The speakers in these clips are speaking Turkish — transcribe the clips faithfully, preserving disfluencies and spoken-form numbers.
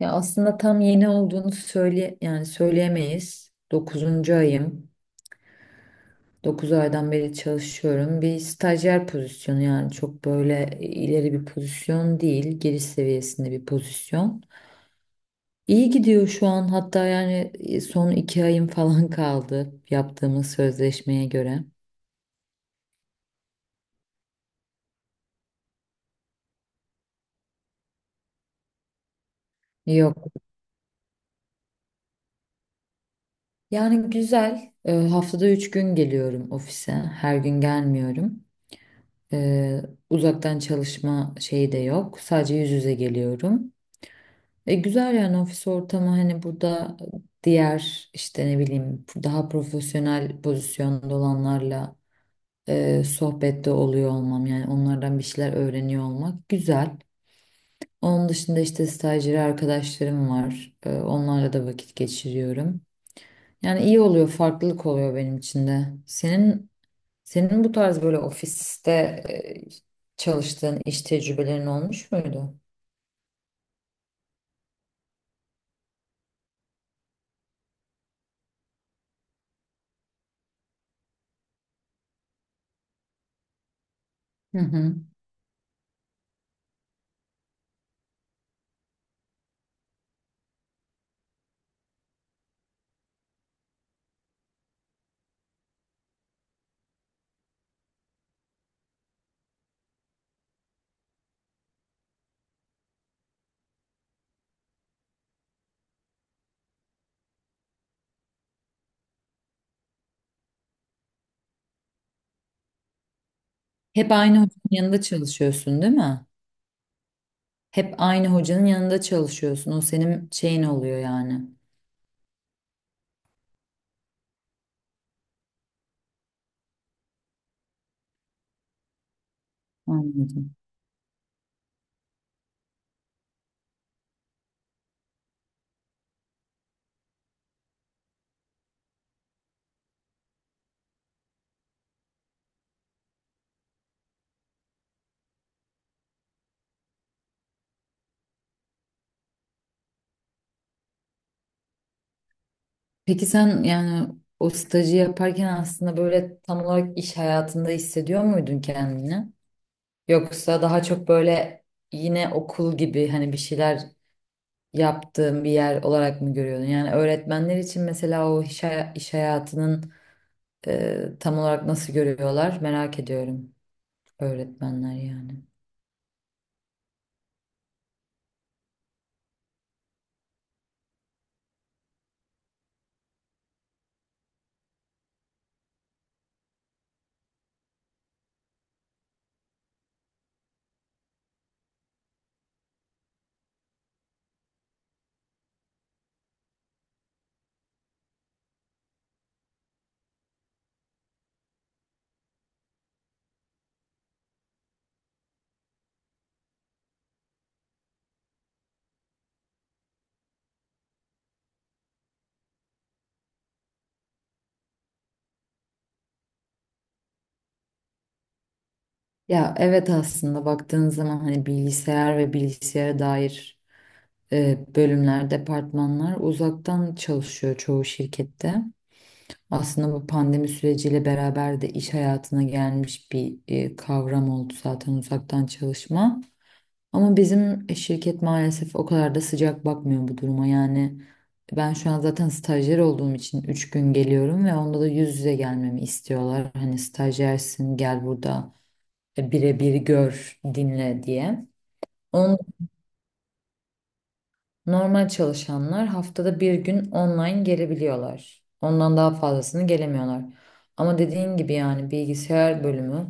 Ya aslında tam yeni olduğunu söyle yani söyleyemeyiz. Dokuzuncu ayım. Dokuz aydan beri çalışıyorum. Bir stajyer pozisyonu, yani çok böyle ileri bir pozisyon değil. Giriş seviyesinde bir pozisyon. İyi gidiyor şu an, hatta yani e, son iki ayım falan kaldı yaptığımız sözleşmeye göre. Yok. Yani güzel. Ee, haftada üç gün geliyorum ofise. Her gün gelmiyorum. Ee, uzaktan çalışma şeyi de yok. Sadece yüz yüze geliyorum. E, güzel yani ofis ortamı, hani burada diğer, işte, ne bileyim, daha profesyonel pozisyonda olanlarla e, sohbette oluyor olmam, yani onlardan bir şeyler öğreniyor olmak güzel. Onun dışında işte stajyeri arkadaşlarım var. E, onlarla da vakit geçiriyorum. Yani iyi oluyor, farklılık oluyor benim için de. Senin senin bu tarz böyle ofiste e, çalıştığın iş tecrübelerin olmuş muydu? Hı hı. Hep aynı hocanın yanında çalışıyorsun, değil mi? Hep aynı hocanın yanında çalışıyorsun. O senin şeyin oluyor yani. Anladım. Peki sen yani o stajı yaparken aslında böyle tam olarak iş hayatında hissediyor muydun kendini? Yoksa daha çok böyle yine okul gibi hani bir şeyler yaptığın bir yer olarak mı görüyordun? Yani öğretmenler için mesela o iş, haya- iş hayatının e, tam olarak nasıl görüyorlar merak ediyorum, öğretmenler yani. Ya evet, aslında baktığın zaman hani bilgisayar ve bilgisayara dair e, bölümler, departmanlar uzaktan çalışıyor çoğu şirkette. Aslında bu pandemi süreciyle beraber de iş hayatına gelmiş bir e, kavram oldu zaten uzaktan çalışma. Ama bizim şirket maalesef o kadar da sıcak bakmıyor bu duruma. Yani ben şu an zaten stajyer olduğum için üç gün geliyorum ve onda da yüz yüze gelmemi istiyorlar. Hani stajyersin, gel burada birebir gör, dinle diye. Onun normal çalışanlar haftada bir gün online gelebiliyorlar. Ondan daha fazlasını gelemiyorlar. Ama dediğin gibi yani bilgisayar bölümü,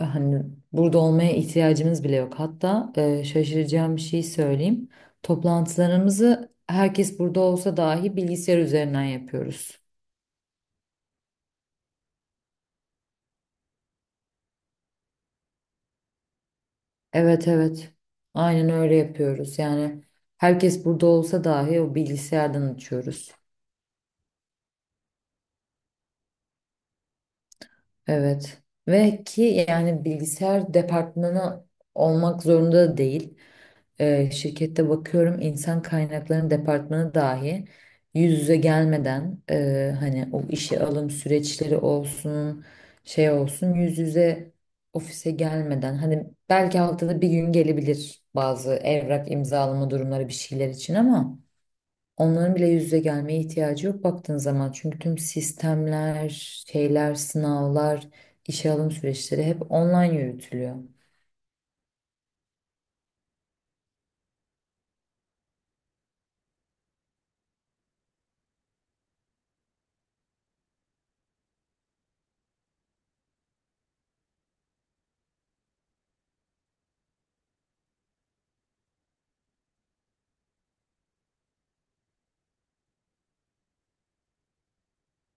e, hani burada olmaya ihtiyacımız bile yok. Hatta e, şaşıracağım bir şey söyleyeyim. Toplantılarımızı herkes burada olsa dahi bilgisayar üzerinden yapıyoruz. Evet, evet. Aynen öyle yapıyoruz. Yani herkes burada olsa dahi o bilgisayardan açıyoruz. Evet. Ve ki yani bilgisayar departmanı olmak zorunda da değil. Ee, şirkette bakıyorum, insan kaynaklarının departmanı dahi yüz yüze gelmeden, e, hani o işe alım süreçleri olsun, şey olsun, yüz yüze ofise gelmeden, hani belki haftada bir gün gelebilir bazı evrak imzalama durumları, bir şeyler için, ama onların bile yüz yüze gelmeye ihtiyacı yok baktığın zaman. Çünkü tüm sistemler, şeyler, sınavlar, işe alım süreçleri hep online yürütülüyor.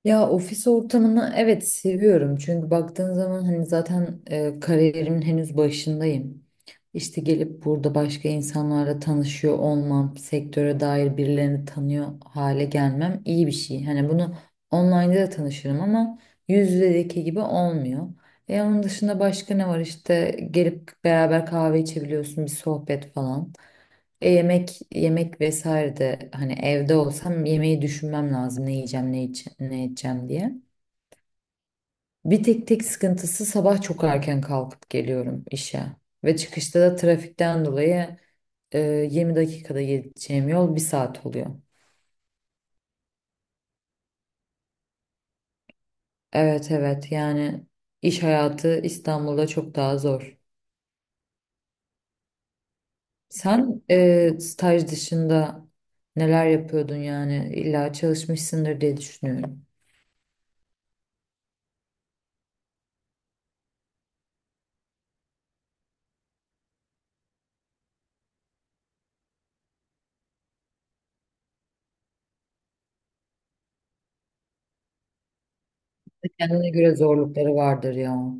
Ya ofis ortamını evet seviyorum. Çünkü baktığın zaman hani zaten e, kariyerimin henüz başındayım. İşte gelip burada başka insanlarla tanışıyor olmam, sektöre dair birilerini tanıyor hale gelmem iyi bir şey. Hani bunu online'da da tanışırım ama yüz yüzedeki gibi olmuyor. E onun dışında başka ne var? İşte gelip beraber kahve içebiliyorsun, bir sohbet falan. E, yemek yemek vesaire de, hani evde olsam yemeği düşünmem lazım, ne yiyeceğim, ne içe- ne edeceğim diye. Bir tek tek sıkıntısı, sabah çok erken kalkıp geliyorum işe ve çıkışta da trafikten dolayı e, yirmi dakikada gideceğim yol bir saat oluyor. Evet, evet, yani iş hayatı İstanbul'da çok daha zor. Sen e, staj dışında neler yapıyordun? Yani illa çalışmışsındır diye düşünüyorum. Kendine göre zorlukları vardır ya.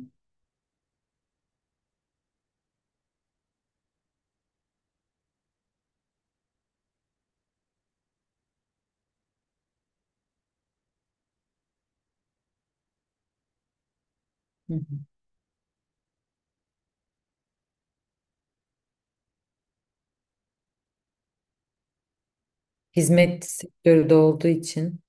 Hı hı. Hizmet sektörü de olduğu için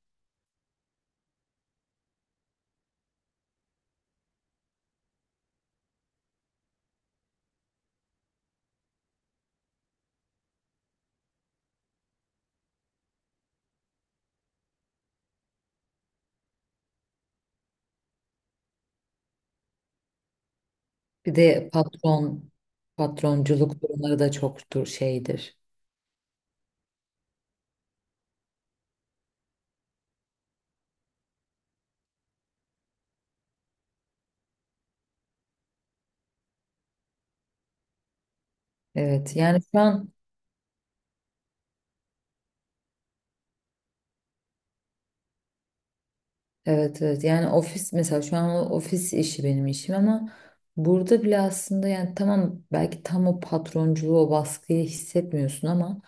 bir de patron patronculuk durumları da çoktur, şeydir. Evet yani şu an, evet, evet, yani ofis mesela şu an o ofis işi benim işim ama burada bile aslında yani, tamam, belki tam o patronculuğu, o baskıyı hissetmiyorsun ama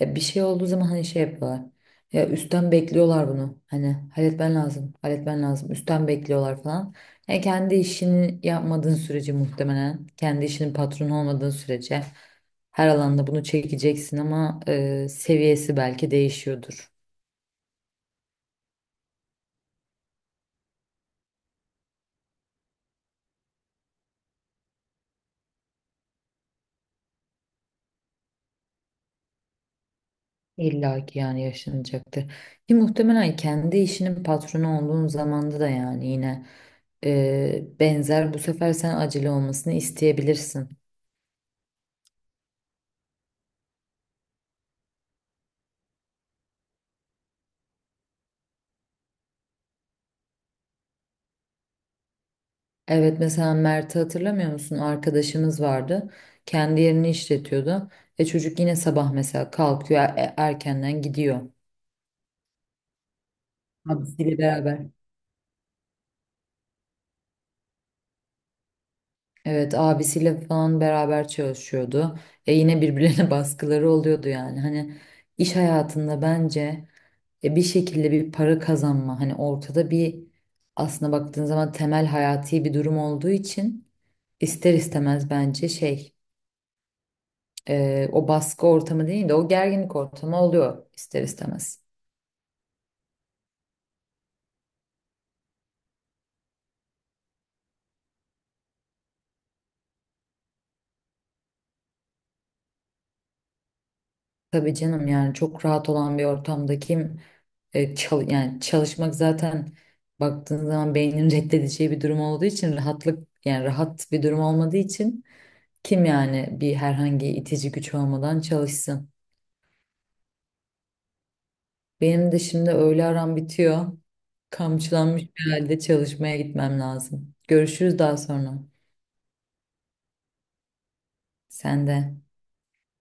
ya bir şey olduğu zaman hani şey yapıyorlar, ya üstten bekliyorlar bunu, hani halletmen lazım, halletmen lazım, üstten bekliyorlar falan. Yani kendi işini yapmadığın sürece, muhtemelen kendi işinin patronu olmadığın sürece her alanda bunu çekeceksin ama e, seviyesi belki değişiyordur. İlla ki yani yaşanacaktır. Ki muhtemelen kendi işinin patronu olduğun zamanda da yani yine e, benzer, bu sefer sen acele olmasını isteyebilirsin. Evet, mesela Mert'i hatırlamıyor musun? Arkadaşımız vardı. Kendi yerini işletiyordu. E çocuk yine sabah mesela kalkıyor, e- erkenden gidiyor. Abisiyle beraber. Evet, abisiyle falan beraber çalışıyordu. E yine birbirlerine baskıları oluyordu yani. Hani iş hayatında bence e, bir şekilde bir para kazanma, hani ortada bir, aslında baktığın zaman temel hayati bir durum olduğu için ister istemez bence şey, e, o baskı ortamı değil de o gerginlik ortamı oluyor ister istemez. Tabii canım, yani çok rahat olan bir ortamda kim e, çal- yani çalışmak zaten baktığın zaman beynin reddedeceği bir durum olduğu için, rahatlık yani rahat bir durum olmadığı için kim yani, bir herhangi itici güç olmadan çalışsın. Benim de şimdi öğle aram bitiyor. Kamçılanmış bir halde çalışmaya gitmem lazım. Görüşürüz daha sonra. Sen de.